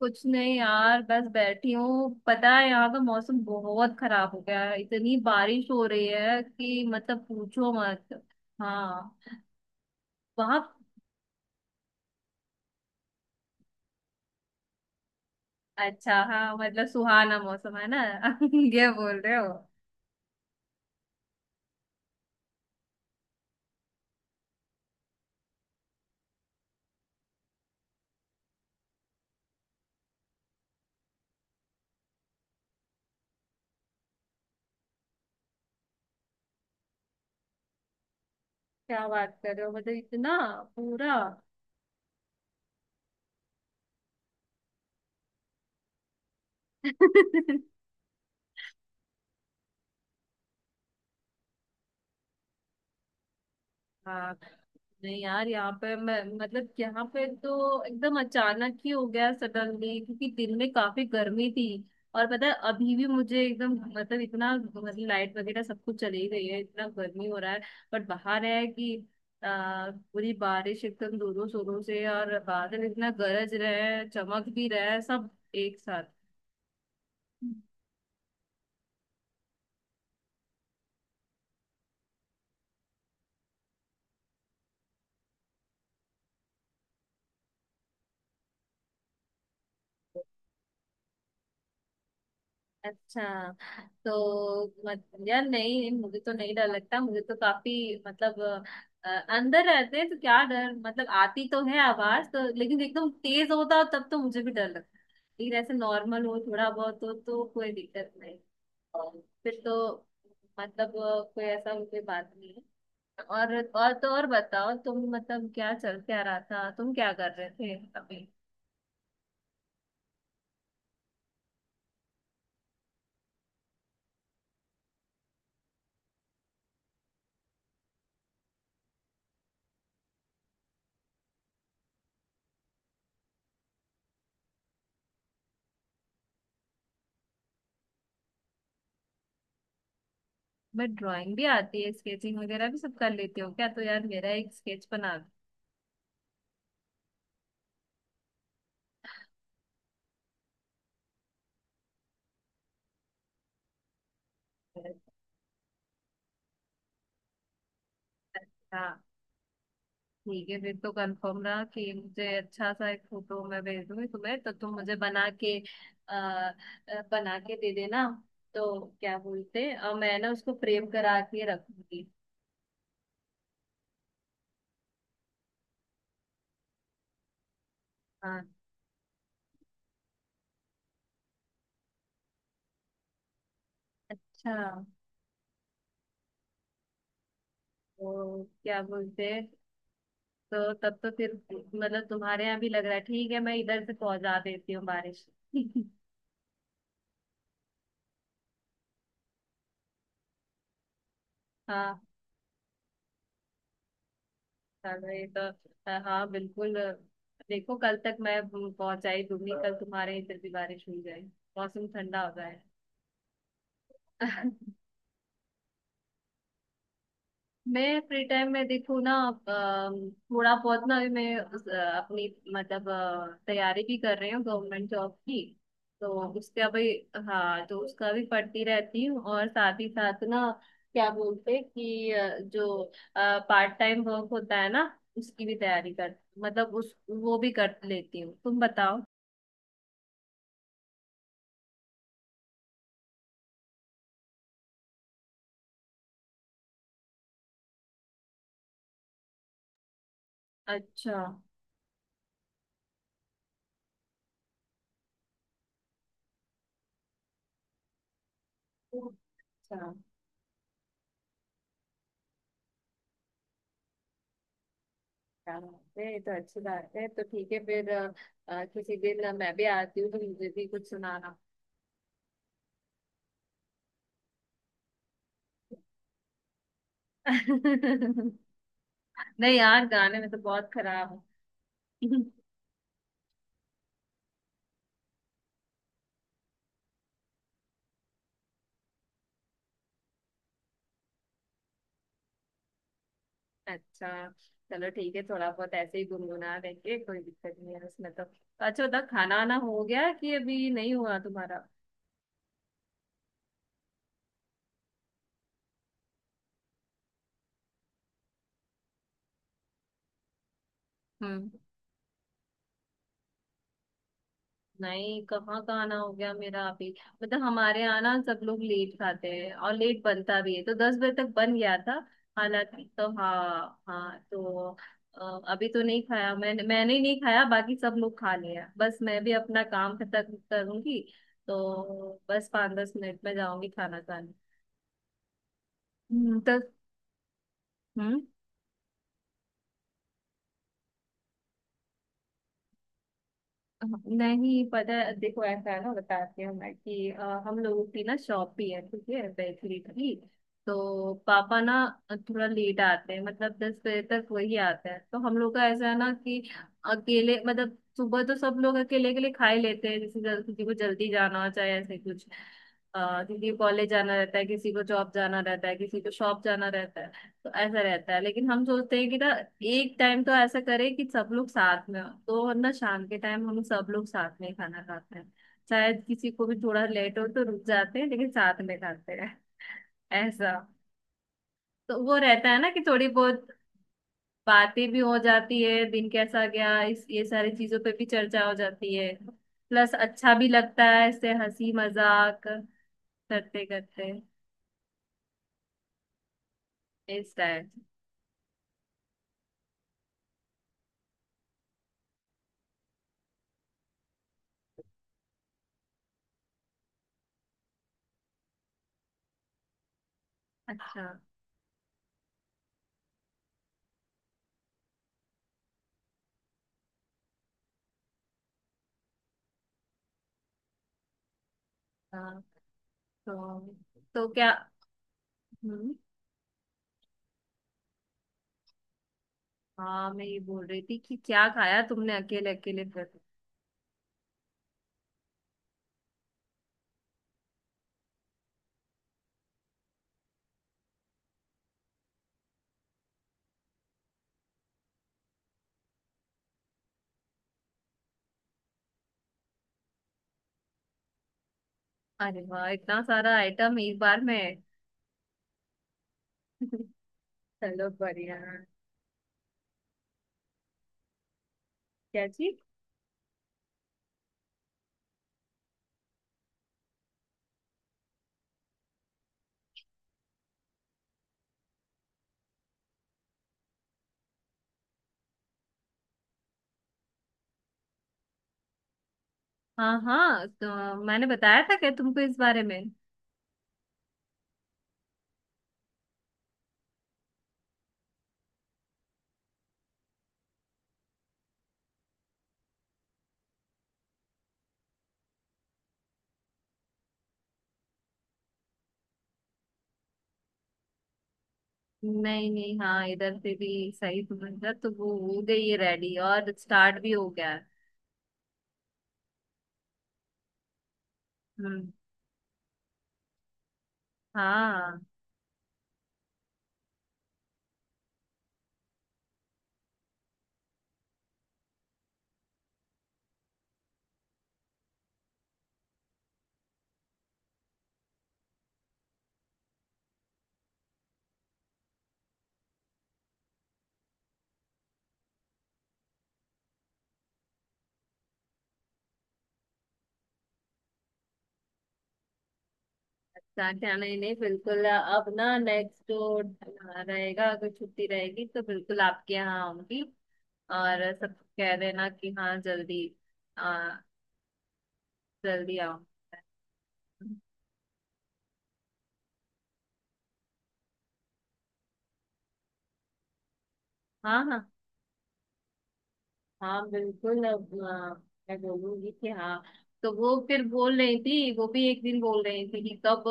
कुछ नहीं यार, बस बैठी हूँ। पता है, यहाँ का मौसम बहुत खराब हो गया है। इतनी बारिश हो रही है कि मतलब पूछो मत। हाँ। वहाँ। अच्छा, हाँ, मतलब सुहाना मौसम है ना। ये बोल रहे हो? क्या बात कर रहे हो, मतलब इतना पूरा। हाँ। नहीं यार, यहाँ पे मैं, मतलब यहाँ पे तो एकदम अचानक ही हो गया, सडनली, क्योंकि दिन में काफी गर्मी थी। और पता है, अभी भी मुझे एकदम, मतलब इतना, मतलब लाइट वगैरह सब कुछ चली गई है, इतना गर्मी हो रहा है। बट बाहर है कि पूरी बारिश एकदम जोरों शोरों से, और बादल इतना गरज रहे हैं, चमक भी रहे हैं, सब एक साथ। अच्छा। तो मत, यार, नहीं, मुझे तो नहीं डर लगता। मुझे तो काफी मतलब अ, अंदर रहते हैं तो क्या डर। मतलब आती तो है आवाज तो, लेकिन एकदम तेज होता हो तब तो मुझे भी डर लगता है। लेकिन ऐसे नॉर्मल हो, थोड़ा बहुत हो तो कोई दिक्कत नहीं। और फिर तो मतलब कोई ऐसा कोई बात नहीं है। और तो और बताओ तुम, मतलब क्या चल, क्या रहा था, तुम क्या कर रहे थे अभी? मैं ड्राइंग भी आती है, स्केचिंग वगैरह भी सब कर लेती हूँ, क्या तो यार मेरा एक स्केच बना। हाँ। ठीक है, फिर तो कंफर्म रहा कि मुझे अच्छा सा एक फोटो मैं भेज दूंगी तुम्हें, तो तुम मुझे बना के आ, आ, बना के दे देना। तो क्या बोलते हैं, मैं ना उसको फ्रेम करा के रखूंगी। हाँ। अच्छा, तो क्या बोलते हैं। तो तब तो फिर मतलब तुम्हारे यहाँ भी लग रहा है। ठीक है, मैं इधर से पहुंचा देती हूँ बारिश। हाँ, चलो ये तो हाँ बिल्कुल। देखो, कल तक मैं पहुंचाई दूंगी, कल तुम्हारे इधर भी बारिश हो जाए, मौसम ठंडा हो जाए। मैं फ्री टाइम में देखूँ ना, थोड़ा बहुत ना, अभी मैं अपनी मतलब तैयारी भी कर रही हूँ गवर्नमेंट जॉब की। तो उसका भी। हाँ, तो उसका भी पढ़ती रहती हूँ, और साथ ही साथ ना, क्या बोलते हैं कि जो पार्ट टाइम वर्क होता है ना, उसकी भी तैयारी कर, मतलब उस वो भी कर लेती हूँ। तुम बताओ। अच्छा, अच्छा। क्या बात है, ये तो अच्छी बात है। तो ठीक है फिर, किसी दिन मैं भी आती हूँ तो मुझे भी कुछ सुनाना। नहीं यार, गाने में तो बहुत खराब हूँ। अच्छा। चलो ठीक है, थोड़ा बहुत ऐसे ही गुनगुना लेंगे, कोई दिक्कत नहीं है उसमें तो। अच्छा बता, खाना वाना हो गया कि अभी नहीं हुआ तुम्हारा? हम्म। नहीं, कहाँ का आना हो गया मेरा अभी। मतलब हमारे यहाँ ना सब लोग लेट खाते हैं और लेट बनता भी है, तो 10 बजे तक बन गया था, हालांकि तो। हाँ हाँ तो। अभी तो नहीं खाया, मैंने मैंने नहीं खाया, बाकी सब लोग खा लिया। बस मैं भी अपना काम खत्म करूंगी, तो बस 5-10 मिनट में जाऊंगी खाना खाने। हम्म, तो हम्म। हाँ, नहीं, पता है, देखो ऐसा है ना, बताती हूँ मैं कि हम लोगों की ना शॉप भी है, ठीक है, बेकरी की। तो पापा ना थोड़ा लेट आते हैं, मतलब 10 बजे तक वही आते हैं, तो हम लोग का ऐसा है ना कि। अकेले मतलब सुबह तो सब लोग अकेले अकेले खा ही लेते हैं, जैसे किसी को जल्दी जाना हो, चाहे ऐसे कुछ। किसी को कॉलेज जाना रहता है, किसी को जॉब जाना रहता है, किसी को शॉप जाना रहता है। तो ऐसा रहता है, लेकिन हम सोचते हैं कि ना, एक टाइम तो ऐसा करें कि सब लोग साथ में हो, तो ना शाम के टाइम हम सब लोग साथ में ही खाना खाते हैं। शायद किसी को भी थोड़ा लेट हो तो रुक जाते हैं, लेकिन साथ में खाते हैं। ऐसा। तो वो रहता है ना कि थोड़ी बहुत बातें भी हो जाती है, दिन कैसा गया इस, ये सारी चीजों पे भी चर्चा हो जाती है। प्लस अच्छा भी लगता है इससे, हंसी मजाक करते करते। इस टाइप। अच्छा। हाँ, तो तो क्या। हम्म। हाँ, मैं ये बोल रही थी कि क्या खाया तुमने अकेले अकेले फिर। अरे वाह, इतना सारा आइटम एक बार में! चलो बढ़िया। क्या जी। हाँ, हाँ, तो मैंने बताया था क्या तुमको इस बारे में। नहीं नहीं, हाँ, इधर से भी सही समझा, तो वो हो गई है रेडी और स्टार्ट भी हो गया है। हम्म। हाँ। अच्छा क्या, नहीं नहीं, बिल्कुल, अब ना नेक्स्ट जो रहेगा, अगर छुट्टी रहेगी तो बिल्कुल आपके यहाँ आऊंगी। और सब कह देना कि हाँ जल्दी, आ, जल्दी आओ। हाँ हाँ। हाँ बिल्कुल अब, मैं बोलूंगी कि हाँ। तो वो फिर बोल रही थी, वो भी एक दिन बोल रही थी कि कब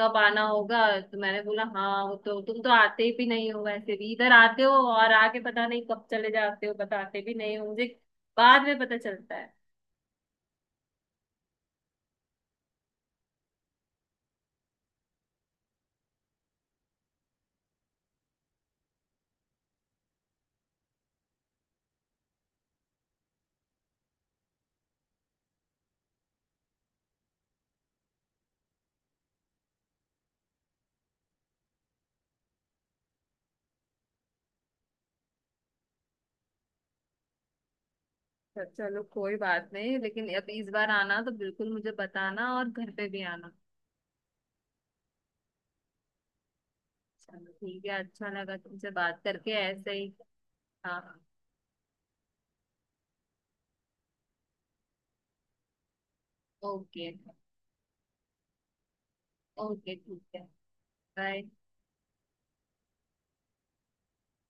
कब आना होगा। तो मैंने बोला, हाँ वो तो, तुम तो आते भी नहीं हो, वैसे भी इधर आते हो और आके पता नहीं कब चले जाते हो, बताते भी नहीं हो मुझे, बाद में पता चलता है। तो चलो कोई बात नहीं, लेकिन अब इस बार आना तो बिल्कुल मुझे बताना, और घर पे भी आना। चलो ठीक है, अच्छा लगा तुमसे बात करके ऐसे ही। हाँ। ओके। ओके, ठीक है। बाय।